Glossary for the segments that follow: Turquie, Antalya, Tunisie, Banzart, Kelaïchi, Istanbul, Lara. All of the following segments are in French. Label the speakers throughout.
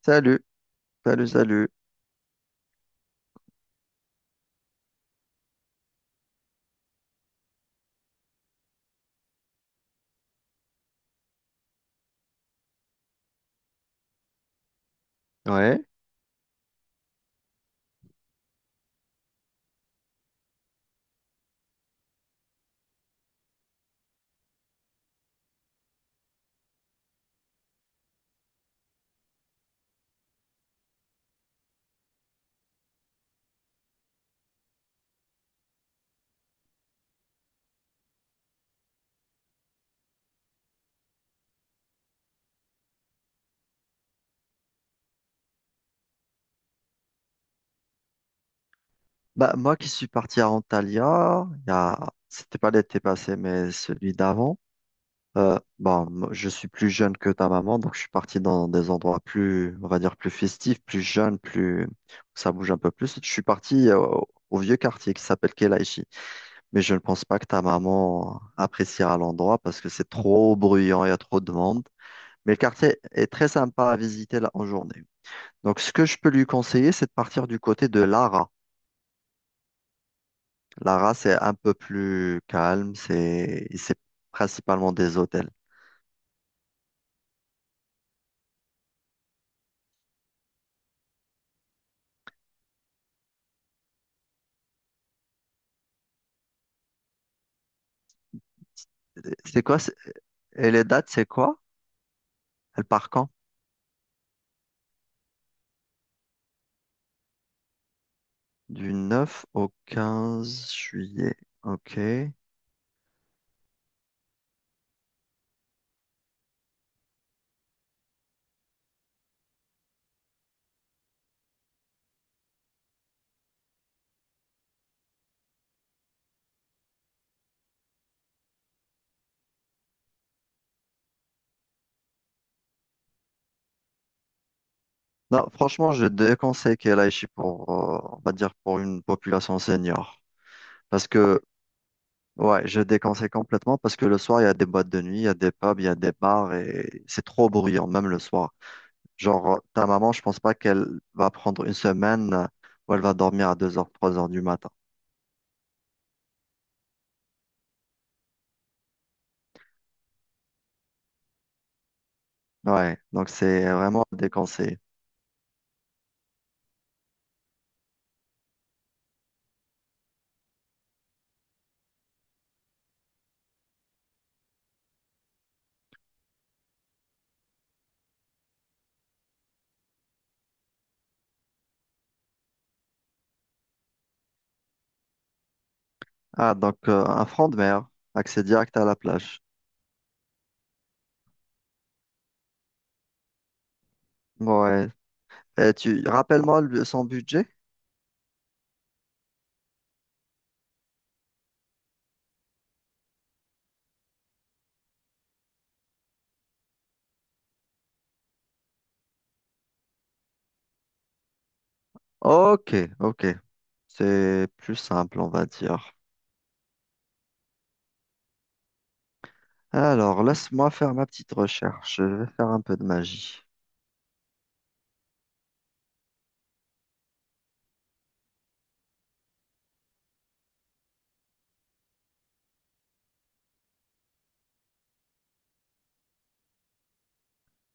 Speaker 1: Salut, salut, salut. Ouais. Bah, moi qui suis parti à Antalya, il y a... c'était pas l'été passé, mais celui d'avant. Bon, moi, je suis plus jeune que ta maman, donc je suis parti dans des endroits plus, on va dire, plus festifs, plus jeunes, plus... où ça bouge un peu plus. Je suis parti au, vieux quartier qui s'appelle Kelaïchi. Mais je ne pense pas que ta maman appréciera l'endroit parce que c'est trop bruyant, il y a trop de monde. Mais le quartier est très sympa à visiter là en journée. Donc, ce que je peux lui conseiller, c'est de partir du côté de Lara. Lara, c'est un peu plus calme, c'est principalement des hôtels. C'est quoi, c'est- et les dates, c'est quoi? Elle part quand? Du 9 au 15 juillet. Ok. Non, franchement, je déconseille qu'elle aille chez- pour, on va dire, pour une population senior. Parce que, ouais, je déconseille complètement parce que le soir, il y a des boîtes de nuit, il y a des pubs, il y a des bars et c'est trop bruyant, même le soir. Genre, ta maman, je pense pas qu'elle va prendre une semaine où elle va dormir à 2 heures 3 heures du matin. Ouais, donc c'est vraiment déconseillé. Ah, donc un front de mer, accès direct à la plage. Ouais. Et tu rappelles-moi le- son budget? Ok, ok. C'est plus simple, on va dire. Alors, laisse-moi faire ma petite recherche. Je vais faire un peu de magie.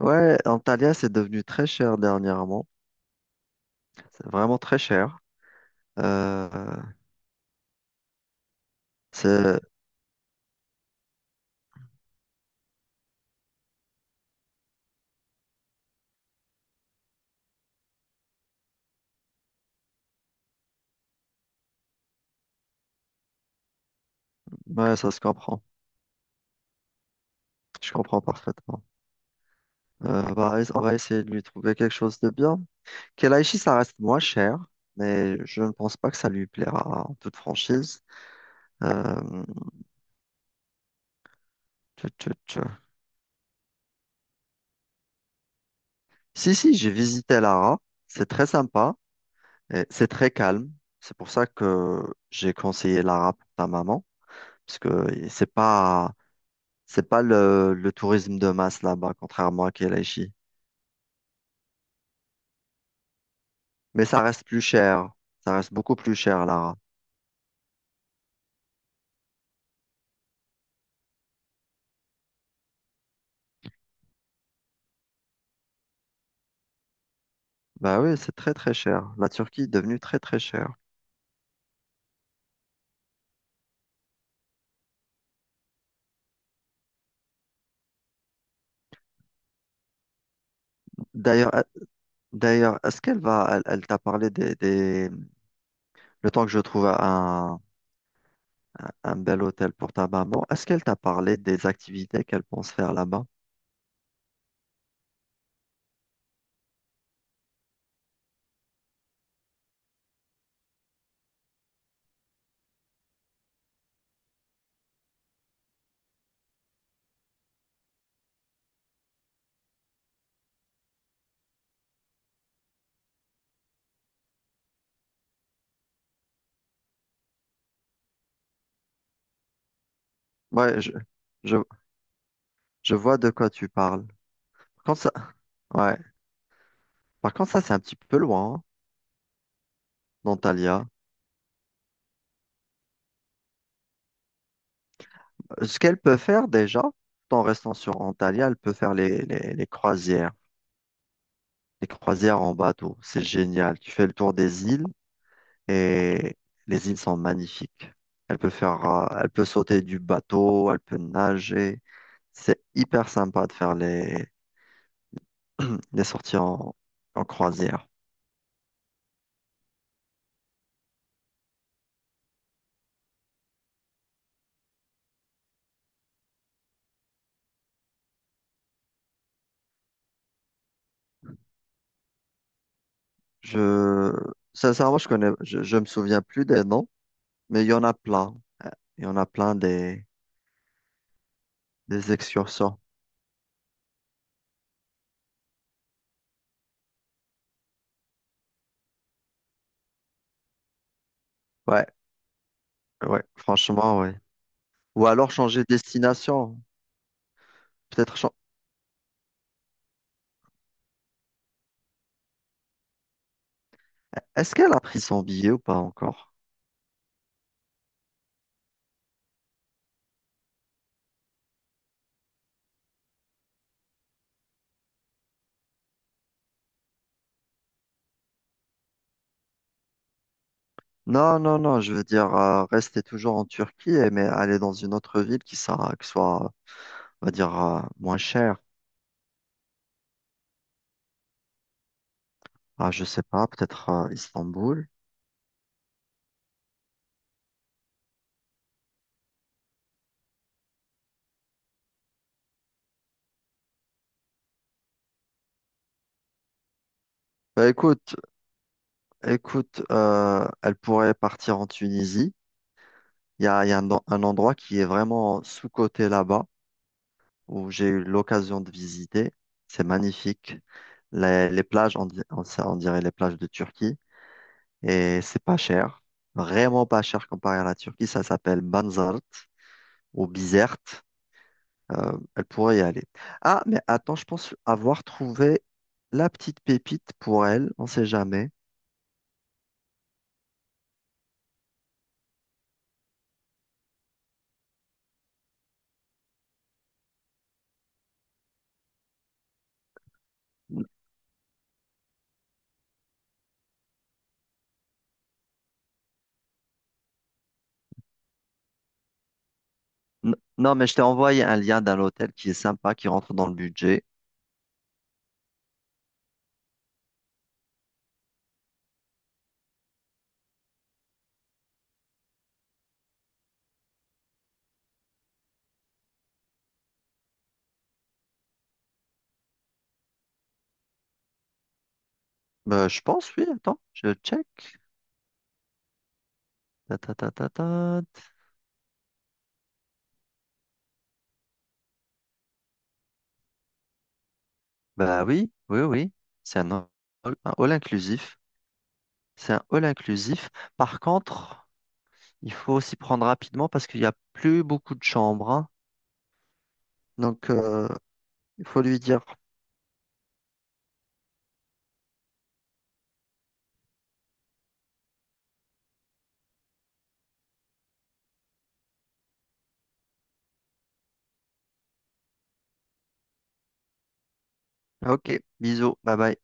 Speaker 1: Ouais, Antalya, c'est devenu très cher dernièrement. C'est vraiment très cher. Euh, c'est... Ouais, ça se comprend. Je comprends parfaitement. Bah, on va essayer de lui trouver quelque chose de bien. Kelaïchi, ça reste moins cher, mais je ne pense pas que ça lui plaira en toute franchise. Euh, tu- tu- tu- Si, si, j'ai visité Lara. C'est très sympa et c'est très calme. C'est pour ça que j'ai conseillé Lara pour ta maman, parce que c'est pas, c'est pas le tourisme de masse là-bas, contrairement à Kelaïchi. Mais ça reste plus cher. Ça reste beaucoup plus cher, Lara. Bah oui, c'est très très cher. La Turquie est devenue très très chère. D'ailleurs, d'ailleurs, est-ce qu'elle va, elle, elle t'a parlé des, le temps que je trouve un bel hôtel pour ta maman, est-ce qu'elle t'a parlé des activités qu'elle pense faire là-bas? Ouais, je, je, je vois de quoi tu parles. Par contre, ça, ouais. Par contre, ça, c'est un petit peu loin, hein, d'Antalya. Ce qu'elle peut faire déjà, tout en restant sur Antalya, elle peut faire les croisières. Les croisières en bateau, c'est génial. Tu fais le tour des îles et les îles sont magnifiques. Elle peut faire, elle peut sauter du bateau, elle peut nager. C'est hyper sympa de faire les Il est en, en croisière. Je, sincèrement, je me souviens plus des noms, mais il y en a plein. Euh, Il y en a plein des excursions. Ouais, ouais, franchement, ouais. Ou alors changer de destination. Peut-être. Chan- Est-ce qu'elle a pris son billet ou pas encore? Non, non, non, je veux dire, rester toujours en Turquie, eh, mais aller dans une autre ville qui sera, qui soit, on va dire, moins chère. Ah, je sais pas, peut-être Istanbul. Bah écoute, écoute, elle pourrait partir en Tunisie. Il y a un endroit qui est vraiment sous-coté là-bas, où j'ai eu l'occasion de visiter. C'est magnifique. Les plages, on, di- on- ça, on dirait les plages de Turquie. Et c'est pas cher. Vraiment pas cher comparé à la Turquie. Ça s'appelle Banzart ou Bizerte. Elle pourrait y aller. Ah, mais attends, je pense avoir trouvé la petite pépite pour elle. On sait jamais. N- Non, mais je t'ai envoyé un lien d'un hôtel qui est sympa, qui rentre dans le budget. Bah, je pense, oui, attends, je check. Ta, ta, ta, ta, ta. Bah oui, oui, oui. C'est un all inclusif. C'est un all inclusif. Par contre, il faut s'y prendre rapidement parce qu'il n'y a plus beaucoup de chambres, hein. Donc, il faut lui dire, OK, bisous, bye bye.